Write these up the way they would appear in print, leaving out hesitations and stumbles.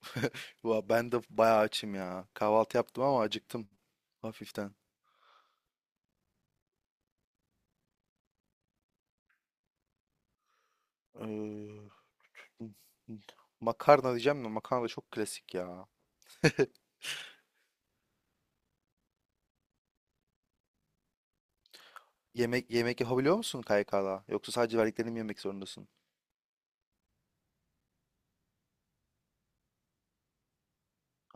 Valla ben de bayağı açım ya. Kahvaltı yaptım ama acıktım hafiften. Ee, Makarna diyeceğim de makarna da çok klasik ya. Yemek yemek yapabiliyor musun KYK'da? Yoksa sadece verdiklerini mi yemek zorundasın?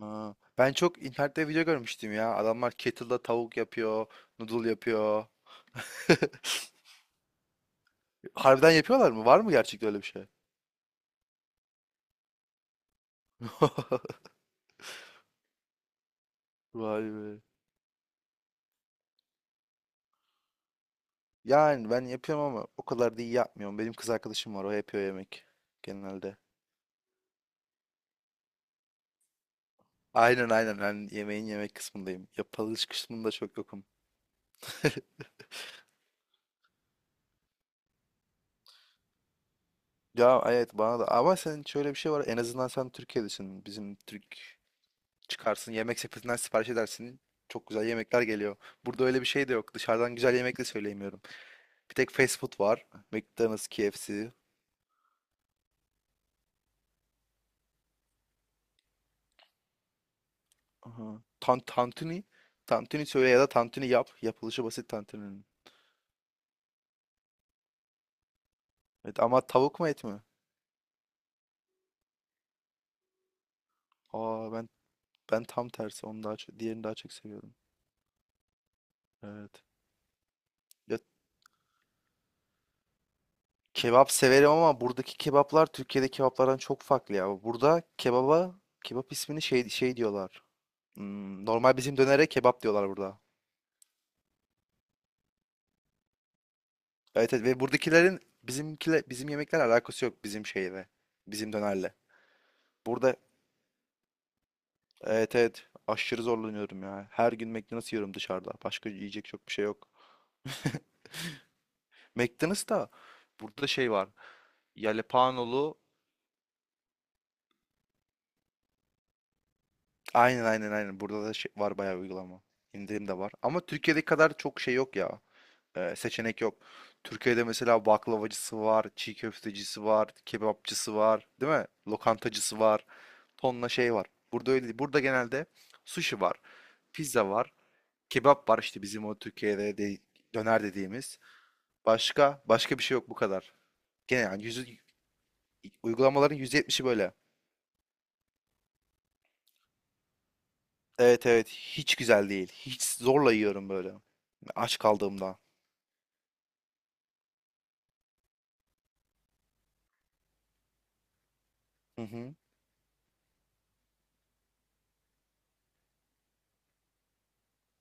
Aa, ben çok internette video görmüştüm ya. Adamlar kettle'da tavuk yapıyor, noodle yapıyor. Harbiden yapıyorlar mı? Var mı gerçekten öyle bir şey? Vay be. Yani ben yapıyorum ama o kadar da iyi yapmıyorum. Benim kız arkadaşım var, o yapıyor yemek genelde. Aynen aynen, ben yemeğin yemek kısmındayım. Yapılış kısmında çok yokum. Ya evet, bana da ama senin şöyle bir şey var, en azından sen Türkiye'desin. Bizim Türk çıkarsın, yemek sepetinden sipariş edersin. Çok güzel yemekler geliyor. Burada öyle bir şey de yok. Dışarıdan güzel yemek de söyleyemiyorum. Bir tek fast food var. McDonald's, KFC. Aha. Tantuni. Tantuni söyle ya da tantuni yap. Yapılışı basit tantuninin. Evet ama tavuk mu et mi? Aa, ben tam tersi. Onu daha çok, diğerini daha çok seviyorum. Evet. Kebap severim ama buradaki kebaplar Türkiye'deki kebaplardan çok farklı ya. Burada kebaba kebap ismini şey diyorlar. Hmm, normal bizim dönere kebap diyorlar burada. Evet, evet, ve buradakilerin bizimkile bizim yemekler alakası yok bizim şeyle. Bizim dönerle. Burada evet evet, aşırı zorlanıyorum ya. Her gün McDonald's yiyorum dışarıda. Başka yiyecek çok bir şey yok. McDonald's da burada şey var. Jalapenolu aynen aynen aynen. Burada da şey var bayağı, uygulama. İndirim de var. Ama Türkiye'deki kadar çok şey yok ya. Seçenek yok. Türkiye'de mesela baklavacısı var, çiğ köftecisi var, kebapçısı var, değil mi? Lokantacısı var. Tonla şey var. Burada öyle değil. Burada genelde sushi var, pizza var, kebap var işte bizim o Türkiye'de de döner dediğimiz. Başka başka bir şey yok bu kadar. Gene yani uygulamaların %70'i böyle. Evet evet, hiç güzel değil. Hiç zorla yiyorum böyle. Aç kaldığımda. Hı hı.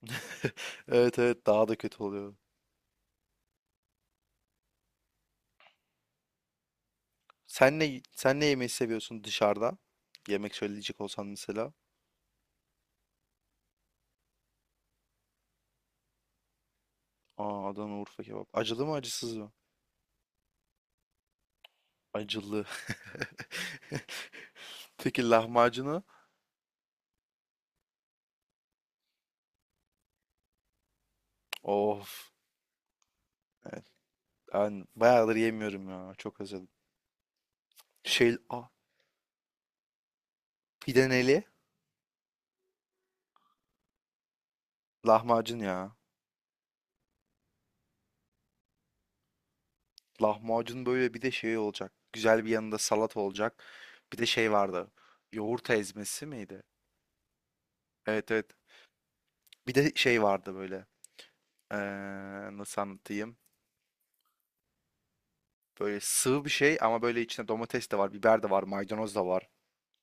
Evet evet, daha da kötü oluyor. Sen ne yemeği seviyorsun dışarıda? Yemek söyleyecek olsan mesela. Aa, Adana Urfa kebap. Acılı mı acısız mı? Acılı. Peki lahmacunu? Of. Evet, ben bayağıdır yemiyorum ya. Çok özledim. Şey, ah, Pideneli lahmacun ya. Lahmacun böyle bir de şey olacak. Güzel bir yanında salat olacak. Bir de şey vardı. Yoğurt ezmesi miydi? Evet evet. Bir de şey vardı böyle. Ee, Nasıl anlatayım? Böyle sığ bir şey ama böyle içinde domates de var, biber de var, maydanoz da var.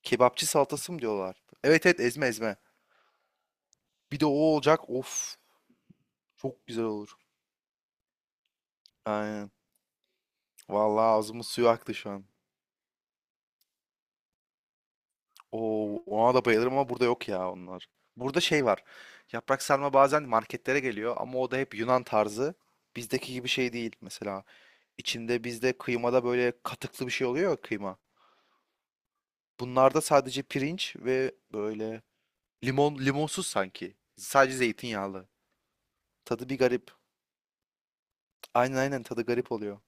Kebapçı salatası mı diyorlar? Evet evet, ezme ezme. Bir de o olacak. Of, çok güzel olur. Aynen. Vallahi ağzımın suyu aktı şu an. Oo, ona da bayılırım ama burada yok ya onlar. Burada şey var. Yaprak sarma bazen marketlere geliyor ama o da hep Yunan tarzı. Bizdeki gibi şey değil mesela. İçinde bizde kıymada böyle katıklı bir şey oluyor ya, kıyma. Bunlarda sadece pirinç ve böyle limonsuz sanki. Sadece zeytinyağlı. Tadı bir garip. Aynen aynen, tadı garip oluyor.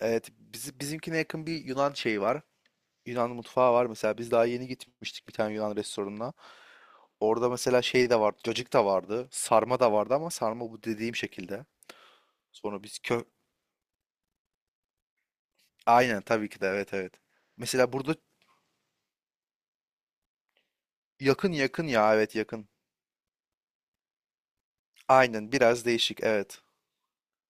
Evet, bizimkine yakın bir Yunan şeyi var. Yunan mutfağı var mesela. Biz daha yeni gitmiştik bir tane Yunan restoranına. Orada mesela şey de vardı. Cacık da vardı. Sarma da vardı ama sarma bu dediğim şekilde. Sonra biz kö... Aynen tabii ki de, evet evet. Mesela burada yakın yakın ya, evet yakın. Aynen biraz değişik, evet.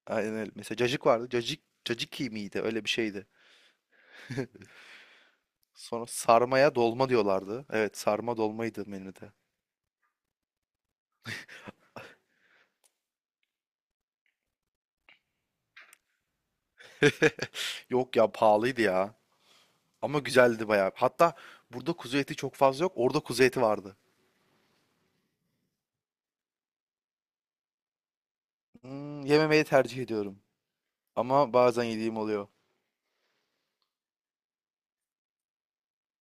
Aynen öyle. Mesela cacık vardı. Cacık caciki miydi? Öyle bir şeydi. Sonra sarmaya dolma diyorlardı. Evet, sarma dolmaydı menüde. Yok ya, pahalıydı ya. Ama güzeldi bayağı. Hatta burada kuzu eti çok fazla yok. Orada kuzu eti vardı. Hmm, yememeyi tercih ediyorum. Ama bazen yediğim oluyor.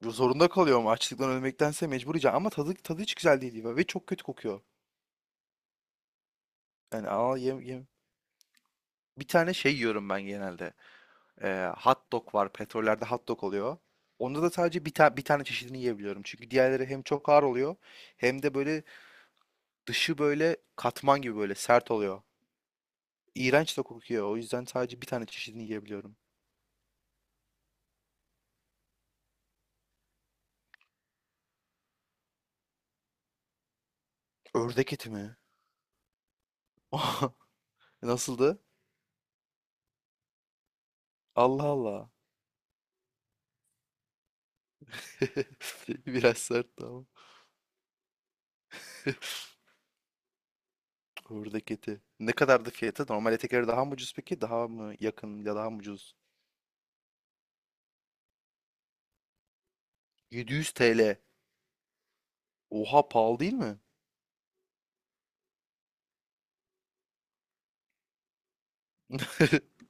Zorunda kalıyorum, açlıktan ölmektense mecbur yiyeceğim. Ama tadı hiç güzel değil ve çok kötü kokuyor. Yani al yem, yem. Bir tane şey yiyorum ben genelde. Hot dog var. Petrollerde hot dog oluyor. Onda da sadece bir tane çeşidini yiyebiliyorum. Çünkü diğerleri hem çok ağır oluyor hem de böyle dışı böyle katman gibi böyle sert oluyor. İğrenç de kokuyor. O yüzden sadece bir tane çeşidini yiyebiliyorum. Ördek eti mi? Nasıldı? Allah Allah. Biraz sert ama. Buradaki eti. Ne kadardı fiyatı? Normal ete göre daha mı ucuz peki? Daha mı yakın ya daha mı ucuz? 700 TL. Oha, pahalı değil mi?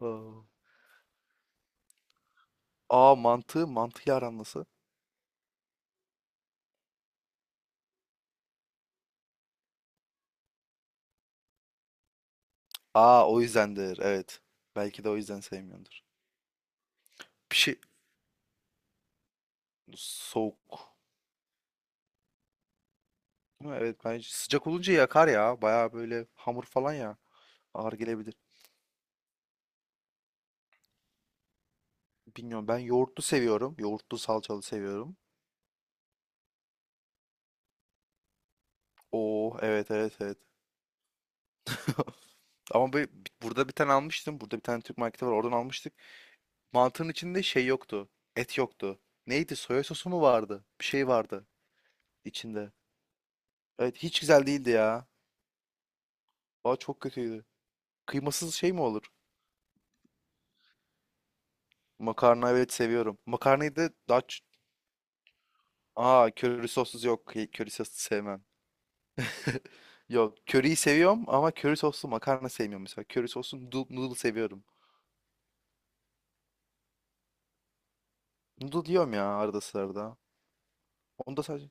Aa Aa, mantığı aran nasıl? Aa, o yüzdendir. Evet. Belki de o yüzden sevmiyordur. Bir şey soğuk. Değil mi? Evet, bence sıcak olunca yakar ya. Baya böyle hamur falan ya. Ağır gelebilir. Bilmiyorum, ben yoğurtlu seviyorum. Yoğurtlu salçalı seviyorum. Oo evet evet evet. Ama burada bir tane almıştım. Burada bir tane Türk marketi var. Oradan almıştık. Mantının içinde şey yoktu. Et yoktu. Neydi? Soya sosu mu vardı? Bir şey vardı içinde. Evet, hiç güzel değildi ya. Valla çok kötüydü. Kıymasız şey mi olur? Makarna evet, seviyorum. Makarnayı da daha... ç- Aa, köri sossuz yok. Köri soslu sevmem. Yok, köriyi seviyorum ama köri soslu makarna sevmiyorum mesela. Köri soslu noodle seviyorum. Noodle diyorum ya arada sırada. Onda sadece.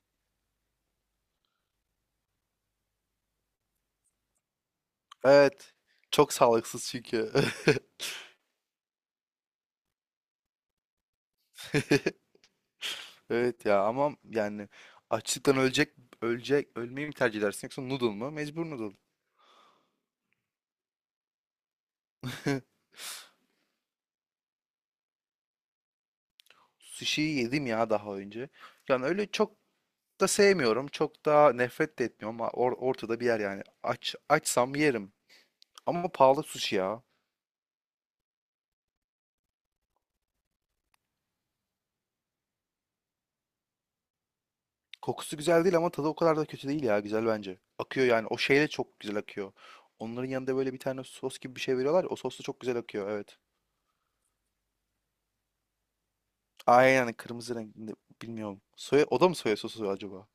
Evet. Çok sağlıksız çünkü. Evet ya, ama yani açlıktan ölecek ölmeyi mi tercih edersin yoksa noodle mu? Mecbur noodle. Sushi'yi yedim ya daha önce. Yani öyle çok da sevmiyorum. Çok da nefret de etmiyorum ama ortada bir yer yani. Açsam yerim. Ama pahalı sushi ya. Kokusu güzel değil ama tadı o kadar da kötü değil ya. Güzel bence. Akıyor yani. O şeyle çok güzel akıyor. Onların yanında böyle bir tane sos gibi bir şey veriyorlar ya. O sos da çok güzel akıyor. Evet. Aynen yani, kırmızı renkli, bilmiyorum. Soya, o da mı soya sosu acaba?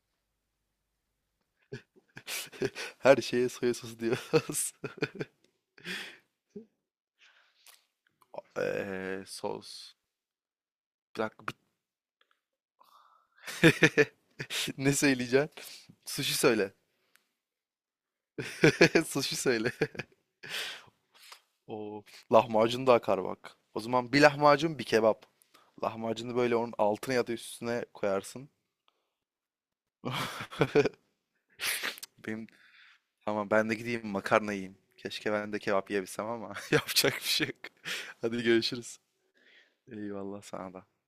Her şeye soya sosu diyoruz. Sos. Bir dakika ne söyleyeceksin? Sushi söyle. Sushi söyle. O lahmacun da akar bak. O zaman bir lahmacun bir kebap. Lahmacunu böyle onun altına ya da üstüne koyarsın. Benim tamam, ben de gideyim makarna yiyeyim. Keşke ben de kebap yiyebilsem ama yapacak bir şey yok. Hadi görüşürüz. Eyvallah sana da.